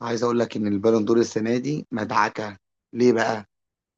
عايز اقول لك ان البالون دور السنه دي مدعكه. ليه بقى؟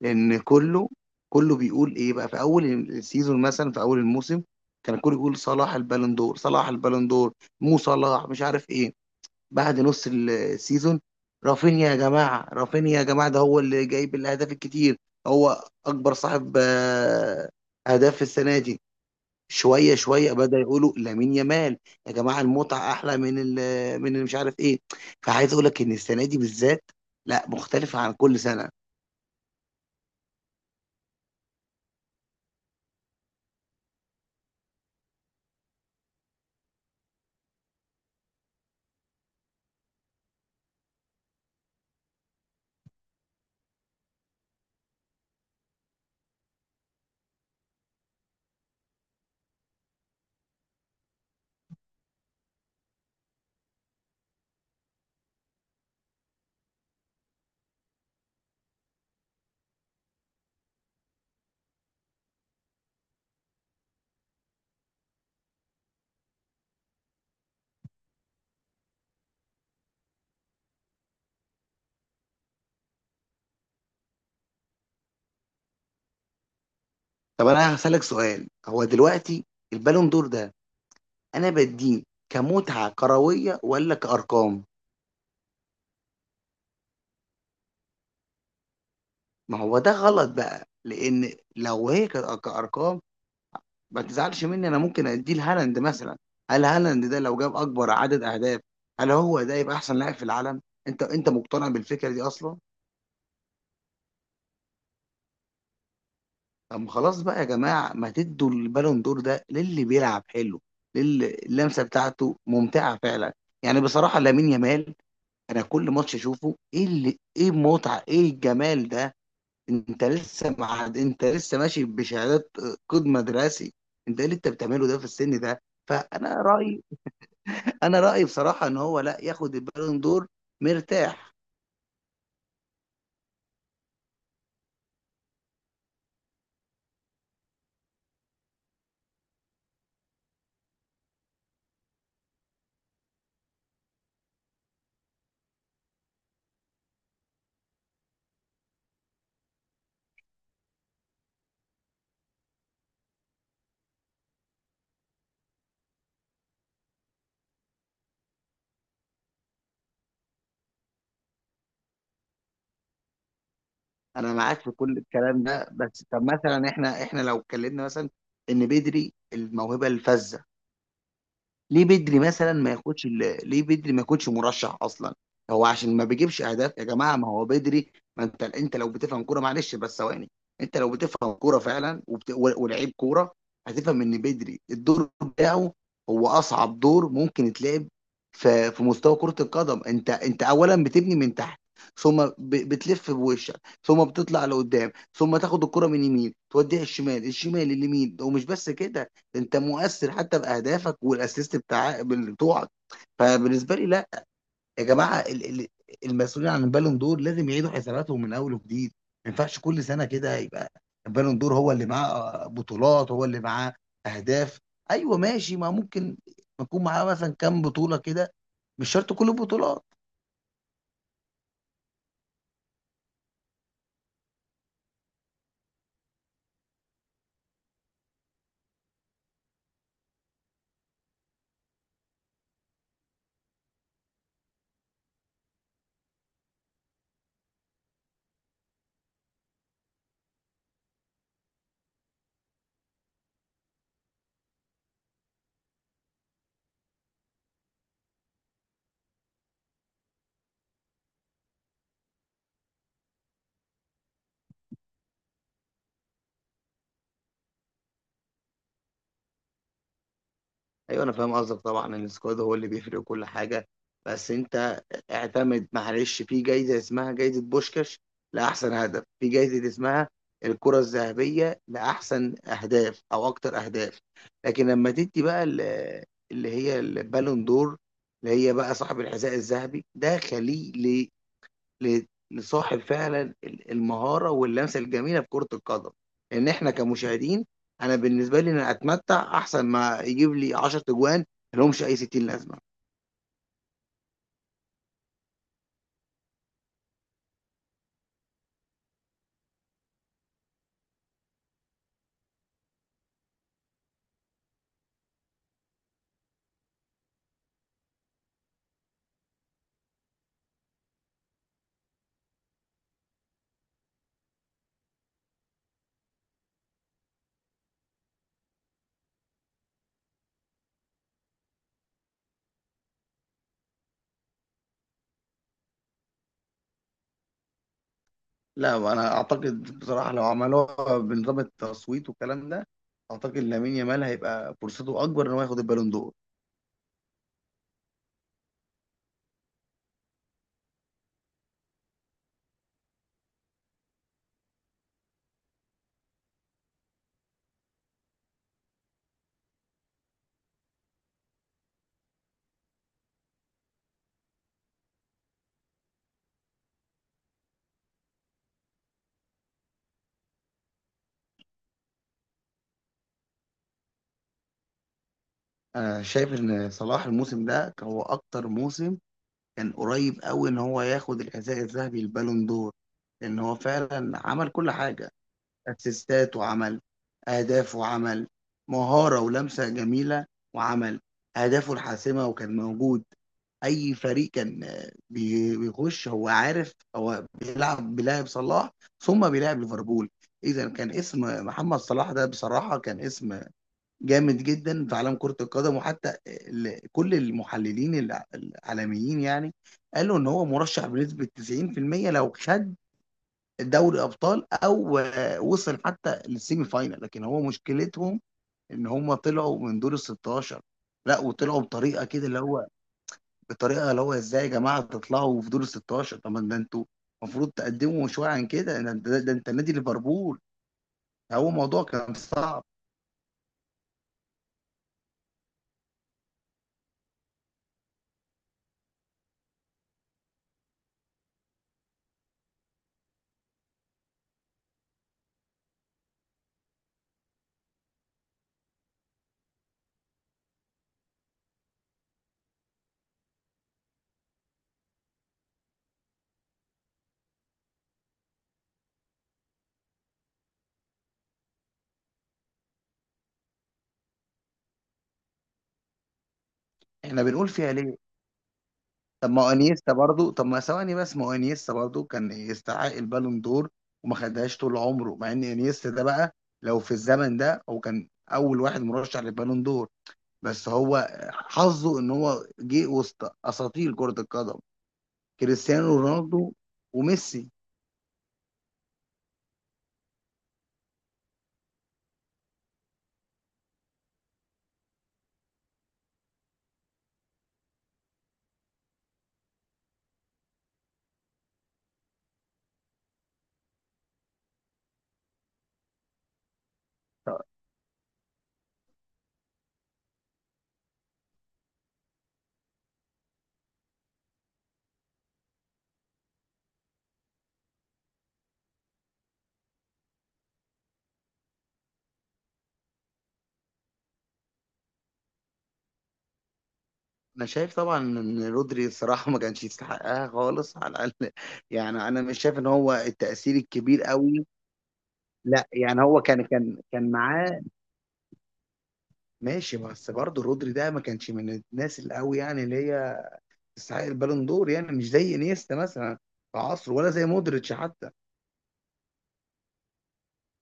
لان كله بيقول ايه بقى؟ في اول السيزون، مثلا في اول الموسم، كان كله يقول صلاح البالون دور، صلاح البالون دور، مو صلاح، مش عارف ايه. بعد نص السيزون، رافينيا يا جماعه، رافينيا يا جماعه، ده هو اللي جايب الاهداف الكتير، هو اكبر صاحب اهداف في السنه دي. شويه شويه بدأ يقولوا لامين يامال. يا جماعه المتعه احلى من من اللي مش عارف ايه. فعايز اقول لك ان السنه دي بالذات لا، مختلفه عن كل سنه. طب انا هسألك سؤال، هو دلوقتي البالون دور ده انا بديه كمتعه كرويه ولا كارقام؟ ما هو ده غلط بقى، لان لو هي كانت كارقام، ما تزعلش مني، انا ممكن اديه لهالاند مثلا. هل هالاند ده لو جاب اكبر عدد اهداف هل هو ده يبقى احسن لاعب في العالم؟ انت مقتنع بالفكره دي اصلا؟ طب خلاص بقى يا جماعة، ما تدوا البالون دور ده للي بيلعب حلو، للي اللمسة بتاعته ممتعة فعلا. يعني بصراحة لامين يامال، أنا كل ماتش أشوفه إيه اللي إيه المتعة إيه الجمال ده. أنت لسه مع، أنت لسه ماشي بشهادات قيد مدرسي، أنت إيه اللي أنت بتعمله ده في السن ده؟ فأنا رأيي، أنا رأيي بصراحة إن هو لا ياخد البالون دور مرتاح. أنا معاك في كل الكلام ده، بس طب مثلا إحنا لو اتكلمنا مثلا إن بدري الموهبة الفذة، ليه بدري مثلا ما ياخدش ليه بدري ما يكونش مرشح اصلا؟ هو عشان ما بيجيبش اهداف يا جماعه ما هو بدري. ما انت لو بتفهم كوره، معلش بس ثواني، انت لو بتفهم كوره فعلا ولعيب كوره، هتفهم ان بدري الدور بتاعه هو اصعب دور ممكن يتلعب في مستوى كره القدم. انت اولا بتبني من تحت، ثم بتلف بوشك، ثم بتطلع لقدام، ثم تاخد الكره من يمين توديها الشمال، الشمال اليمين، ومش بس كده، انت مؤثر حتى باهدافك والاسيست بتاع بتوعك. فبالنسبه لي لا، يا جماعه المسؤولين عن البالون دور لازم يعيدوا حساباتهم من اول وجديد. ما ينفعش كل سنه كده يبقى البالون دور هو اللي معاه بطولات، هو اللي معاه اهداف. ايوه ماشي، ما ممكن يكون معاه مثلا كام بطوله كده، مش شرط كل البطولات. ايوه انا فاهم قصدك طبعا ان السكواد هو اللي بيفرق وكل حاجه، بس انت اعتمد معلش، في جايزه اسمها جايزه بوشكاش لاحسن هدف، في جايزه اسمها الكره الذهبيه لاحسن اهداف او اكتر اهداف، لكن لما تدي بقى اللي هي البالون دور، اللي هي بقى صاحب الحذاء الذهبي، ده خليه لصاحب فعلا المهاره واللمسه الجميله في كره القدم. لان احنا كمشاهدين، انا بالنسبه لي انا اتمتع احسن ما يجيب لي 10 اجوان ملهمش اي 60 لازمه. لا، انا اعتقد بصراحه لو عملوها بنظام التصويت والكلام ده، اعتقد لامين يامال هيبقى فرصته اكبر ان هو ياخد البالون دور. انا شايف ان صلاح الموسم ده كان هو اكتر موسم، كان قريب قوي ان هو ياخد الحذاء الذهبي البالون دور، لان هو فعلا عمل كل حاجه: اسيستات، وعمل اهداف، وعمل مهارة ولمسة جميلة، وعمل اهدافه الحاسمة، وكان موجود اي فريق كان بيخش، هو عارف هو بيلعب صلاح ثم بيلعب ليفربول. اذا كان اسم محمد صلاح ده بصراحه كان اسم جامد جدا في عالم كره القدم، وحتى كل المحللين العالميين يعني قالوا ان هو مرشح بنسبه 90% لو خد دوري ابطال، او وصل حتى للسيمي فاينال، لكن هو مشكلتهم ان هم طلعوا من دور ال 16. لا، وطلعوا بطريقه كده اللي هو، بطريقه اللي هو ازاي يا جماعه تطلعوا في دور ال 16؟ طب ما ده انتوا المفروض تقدموا شويه عن كده. ده انت نادي ليفربول، هو موضوع كان صعب. احنا بنقول فيها ليه؟ طب ما ثواني بس، ما هو انيستا برضو كان يستحق البالون دور وما خدهاش طول عمره. مع ان انيستا ده بقى لو في الزمن ده هو كان اول واحد مرشح للبالون دور، بس هو حظه ان هو جه وسط اساطير كرة القدم كريستيانو رونالدو وميسي. انا شايف طبعا ان رودري الصراحه ما كانش يستحقها خالص على الاقل يعني انا مش شايف ان هو التاثير الكبير قوي. لا يعني هو كان كان معاه، ماشي، بس برضه رودري ده ما كانش من الناس القوي يعني اللي هي تستحق البالون دور، يعني مش زي انيستا مثلا في عصره، ولا زي مودريتش حتى.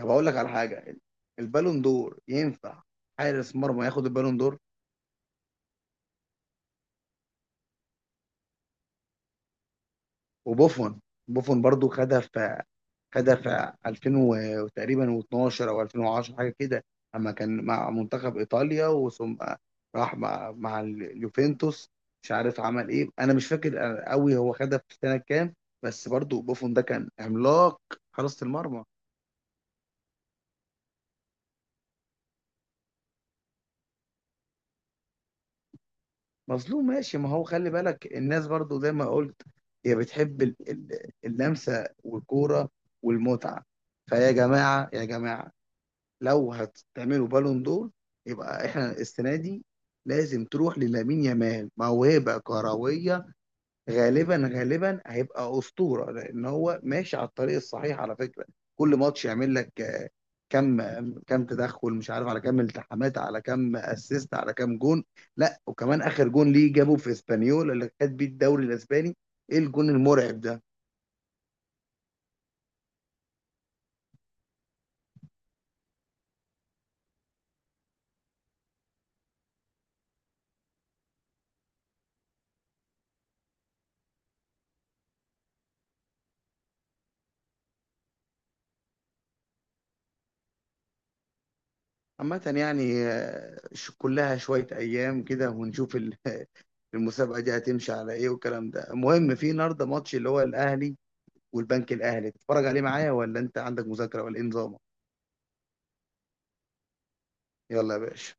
طب اقول لك على حاجه، البالون دور ينفع حارس مرمى ياخد البالون دور؟ وبوفون، برضو خدها في 2000 وتقريبا و12 او 2010 حاجه كده، اما كان مع منتخب ايطاليا وثم راح مع اليوفنتوس، مش عارف عمل ايه، انا مش فاكر قوي هو خدها في سنه كام. بس برضو بوفون ده كان عملاق حراسه المرمى. مظلوم ماشي، ما هو خلي بالك الناس برضو زي ما قلت هي بتحب اللمسه والكوره والمتعه. فيا جماعه يا جماعه، لو هتعملوا بالون دور، يبقى احنا السنه دي لازم تروح للامين يامال، موهبه كرويه، غالبا غالبا هيبقى اسطوره لان هو ماشي على الطريق الصحيح على فكره. كل ماتش يعمل لك كم كم تدخل، مش عارف على كم التحامات، على كم اسيست، على كم جون. لا وكمان اخر جون ليه جابه في اسبانيول اللي خد بيه الدوري الاسباني، ايه الجون المرعب ده! عامة يعني كلها شوية أيام كده ونشوف المسابقه دي هتمشي على ايه والكلام ده. المهم في النهارده ماتش اللي هو الاهلي والبنك الاهلي، تتفرج عليه معايا ولا انت عندك مذاكره ولا ايه نظامك؟ يلا يا باشا.